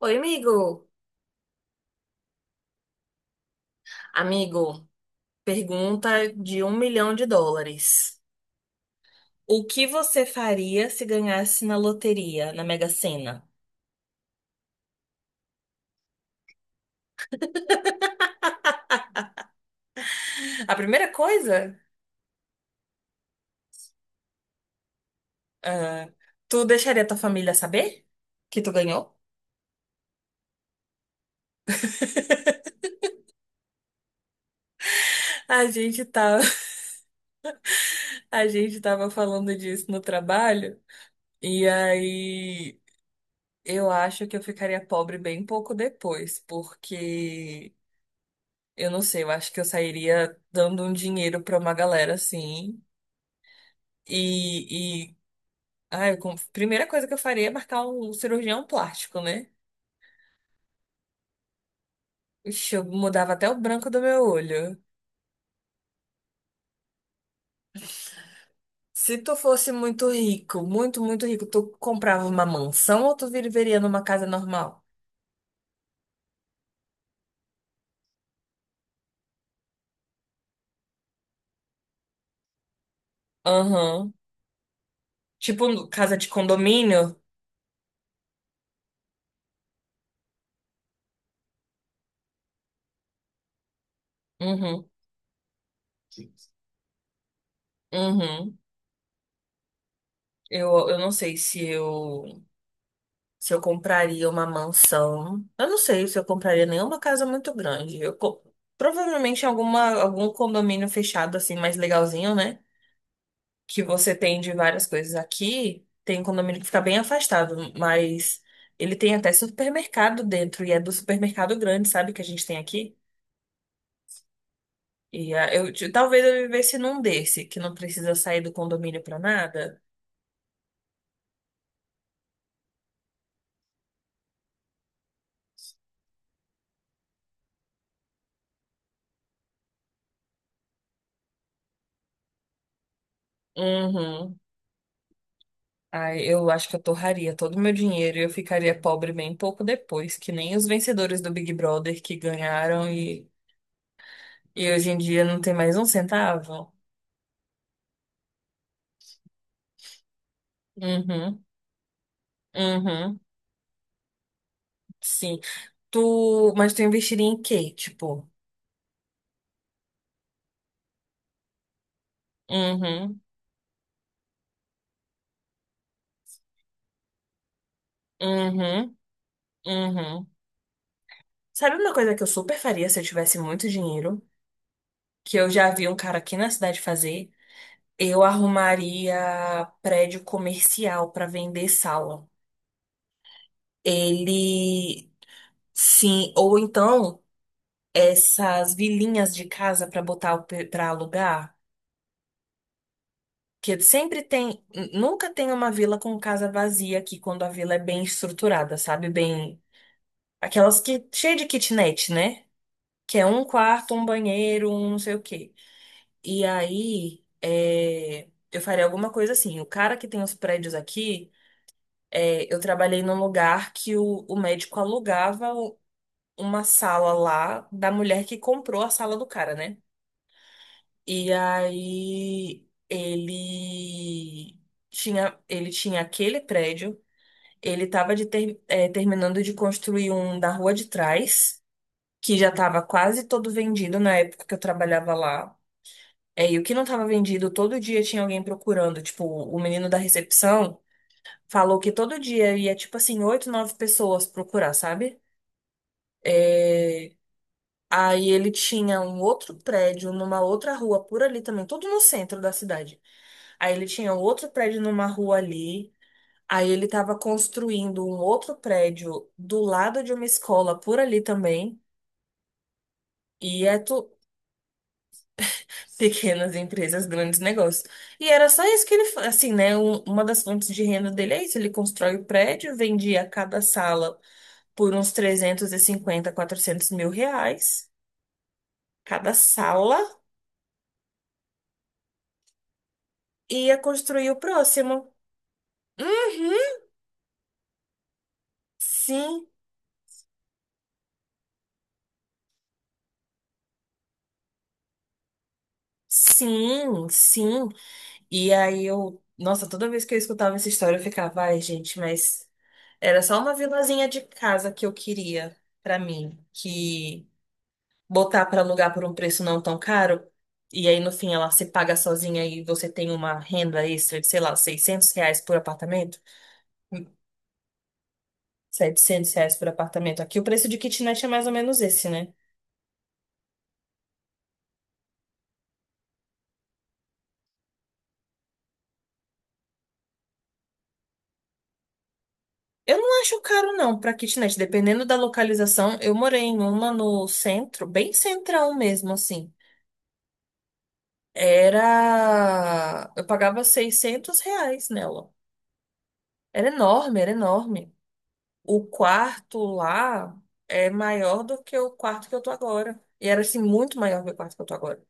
Oi, amigo. Amigo, pergunta de um milhão de dólares. O que você faria se ganhasse na loteria, na Mega Sena? A primeira coisa, ah, tu deixaria tua família saber que tu ganhou? A gente tá, a gente tava falando disso no trabalho, e aí eu acho que eu ficaria pobre bem pouco depois, porque eu não sei, eu acho que eu sairia dando um dinheiro pra uma galera assim. E, Ah, primeira coisa que eu faria é marcar um cirurgião plástico, né? Ixi, eu mudava até o branco do meu olho. Se tu fosse muito rico, muito, muito rico, tu comprava uma mansão ou tu viveria numa casa normal? Aham. Tipo, casa de condomínio? Uhum. Uhum. Eu não sei se eu compraria uma mansão. Eu não sei se eu compraria nenhuma casa muito grande. Provavelmente alguma, algum condomínio fechado, assim, mais legalzinho, né? Que você tem de várias coisas aqui, tem um condomínio que fica bem afastado, mas ele tem até supermercado dentro, e é do supermercado grande, sabe, que a gente tem aqui? E talvez eu vivesse num desse, que não precisa sair do condomínio pra nada. Uhum. Ai, eu acho que eu torraria todo o meu dinheiro e eu ficaria pobre bem pouco depois, que nem os vencedores do Big Brother que ganharam e hoje em dia não tem mais um centavo. Uhum, uhum, sim. Mas tu investiria em quê? Tipo, uhum, uhum, uhum. Sabe uma coisa que eu super faria se eu tivesse muito dinheiro? Que eu já vi um cara aqui na cidade fazer? Eu arrumaria prédio comercial pra vender sala. Ele, sim, ou então essas vilinhas de casa pra botar para alugar. Que sempre tem, nunca tem uma vila com casa vazia aqui quando a vila é bem estruturada, sabe? Bem, aquelas que cheia de kitnet, né? Que é um quarto, um banheiro, um não sei o quê. E aí, é, eu faria alguma coisa assim. O cara que tem os prédios aqui, é, eu trabalhei num lugar que o médico alugava uma sala lá da mulher que comprou a sala do cara, né? E aí ele tinha aquele prédio, ele estava é, terminando de construir um da rua de trás, que já estava quase todo vendido na época que eu trabalhava lá. É, e o que não estava vendido, todo dia tinha alguém procurando. Tipo, o menino da recepção falou que todo dia ia, tipo assim, oito, nove pessoas procurar, sabe? É, aí ele tinha um outro prédio numa outra rua por ali também, tudo no centro da cidade. Aí ele tinha um outro prédio numa rua ali. Aí ele estava construindo um outro prédio do lado de uma escola por ali também. E é tu- Pequenas empresas, grandes negócios. E era só isso que assim, né? Uma das fontes de renda dele é isso. Ele constrói o prédio, vendia cada sala por uns trezentos e cinquenta, 400 mil reais, cada sala, e ia construir o próximo. Uhum, sim, sim, sim. E aí eu, nossa, toda vez que eu escutava essa história, eu ficava, ai, gente, mas era só uma vilazinha de casa que eu queria pra mim, que botar para alugar por um preço não tão caro, e aí no fim ela se paga sozinha e você tem uma renda extra de, sei lá, R$ 600 por apartamento, Hum, R$ 700 por apartamento. Aqui o preço de kitnet é mais ou menos esse, né? Eu não acho caro não para kitnet, dependendo da localização. Eu morei em uma no centro, bem central mesmo, assim. Eu pagava R$ 600 nela. Era enorme, era enorme. O quarto lá é maior do que o quarto que eu tô agora. E era assim, muito maior do que o quarto que eu tô agora.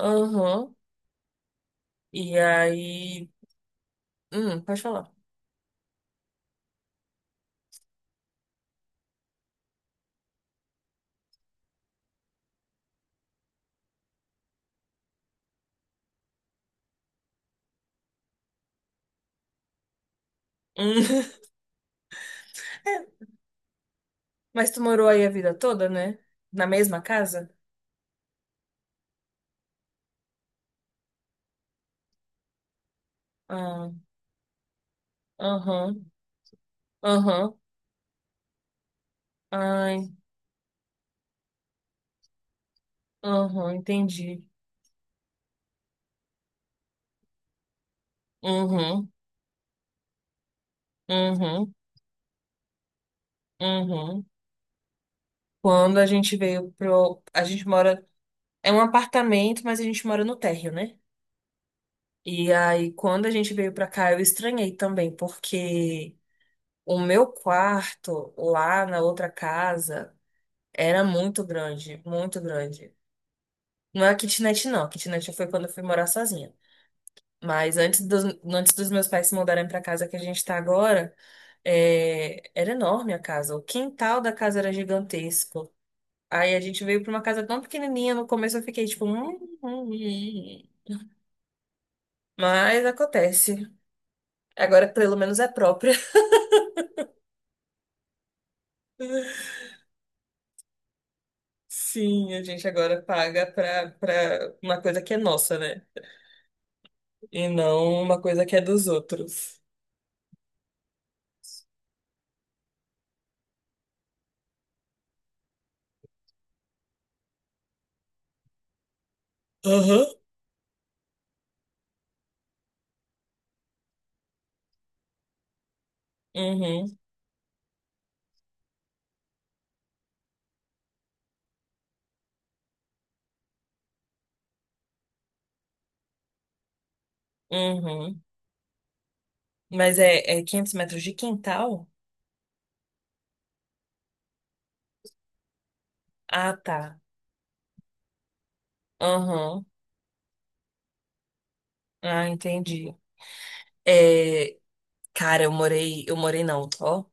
Aham. E aí. Pode falar. Hum. Mas tu morou aí a vida toda, né? Na mesma casa? Ah, aham, aham. Ai, aham, entendi. Uhum, uhum, uhum. Quando a gente veio pro. A gente mora. É um apartamento, mas a gente mora no térreo, né? E aí, quando a gente veio pra cá, eu estranhei também, porque o meu quarto lá na outra casa era muito grande, muito grande. Não é a kitnet, não. A kitnet foi quando eu fui morar sozinha. Mas antes dos meus pais se mudarem pra casa que a gente tá agora, é, era enorme a casa. O quintal da casa era gigantesco. Aí a gente veio pra uma casa tão pequenininha. No começo eu fiquei tipo, hum. Hum, hum." Mas acontece. Agora pelo menos é próprio. Sim, a gente agora paga pra uma coisa que é nossa, né? E não uma coisa que é dos outros. Aham. Uhum, uhum. Mas é 500 metros de quintal? Ah, tá. Aham. Ah, entendi. É, cara, eu morei não, ó.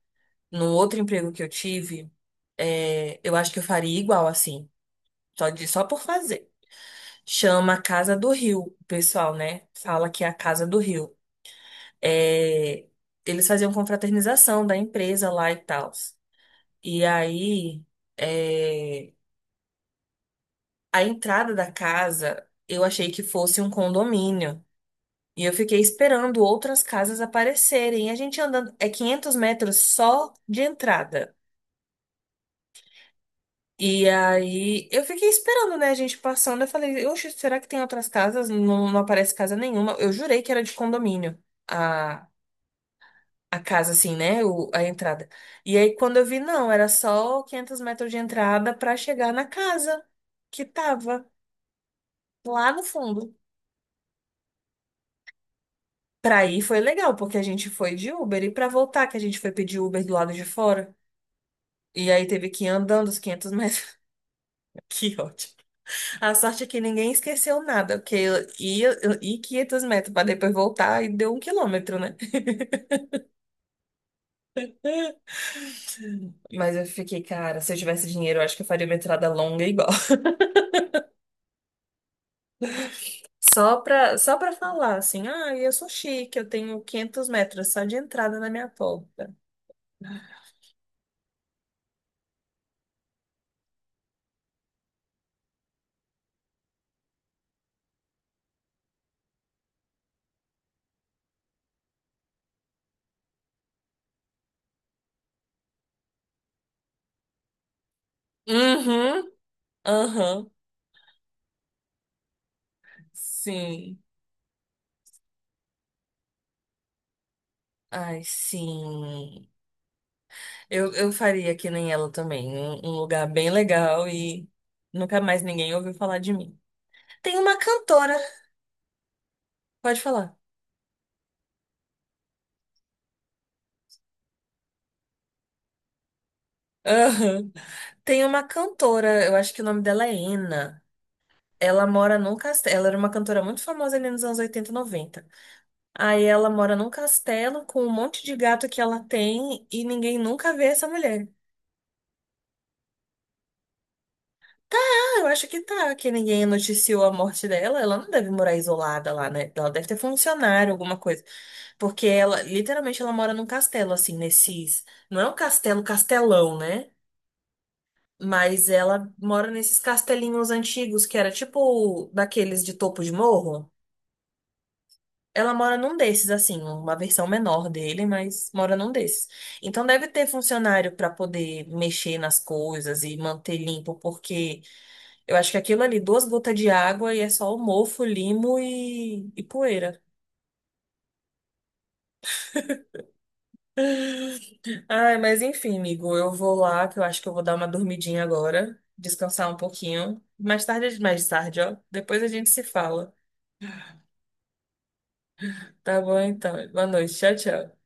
Num outro emprego que eu tive, é, eu acho que eu faria igual assim, só de, só por fazer. Chama Casa do Rio, o pessoal, né? Fala que é a Casa do Rio. É, eles faziam confraternização da empresa lá e tal. E aí, é, a entrada da casa, eu achei que fosse um condomínio. E eu fiquei esperando outras casas aparecerem. E a gente andando, é 500 metros só de entrada. E aí, eu fiquei esperando, né, a gente passando. Eu falei, oxe, será que tem outras casas? Não, não aparece casa nenhuma. Eu jurei que era de condomínio a casa, assim, né? A entrada. E aí, quando eu vi, não, era só 500 metros de entrada pra chegar na casa que tava lá no fundo. Pra ir foi legal, porque a gente foi de Uber. E pra voltar, que a gente foi pedir Uber do lado de fora. E aí teve que ir andando os 500 metros. Que ótimo. A sorte é que ninguém esqueceu nada, porque eu ia 500 metros pra depois voltar e deu um quilômetro, né? Mas eu fiquei, cara, se eu tivesse dinheiro, eu acho que eu faria uma entrada longa igual. Só pra falar assim, ah, eu sou chique, eu tenho 500 metros só de entrada na minha porta. Uhum, aham, sim. Ai, sim. Eu faria que nem ela também. Um lugar bem legal e nunca mais ninguém ouviu falar de mim. Tem uma cantora, pode falar. Aham. Tem uma cantora, eu acho que o nome dela é Ena. Ela mora num castelo. Ela era uma cantora muito famosa ali nos anos 80 e 90. Aí ela mora num castelo com um monte de gato que ela tem e ninguém nunca vê essa mulher. Tá, eu acho que tá, que ninguém noticiou a morte dela. Ela não deve morar isolada lá, né? Ela deve ter funcionário, alguma coisa. Porque ela, literalmente, ela mora num castelo, assim, nesses. Não é um castelo, castelão, né? Mas ela mora nesses castelinhos antigos que era tipo daqueles de topo de morro. Ela mora num desses, assim, uma versão menor dele, mas mora num desses. Então deve ter funcionário para poder mexer nas coisas e manter limpo, porque eu acho que aquilo ali, duas gotas de água e é só o mofo, limo e poeira. Ai, mas enfim, amigo, eu vou lá, que eu acho que eu vou dar uma dormidinha agora, descansar um pouquinho. Mais tarde, ó. Depois a gente se fala. Tá bom, então. Boa noite. Tchau, tchau.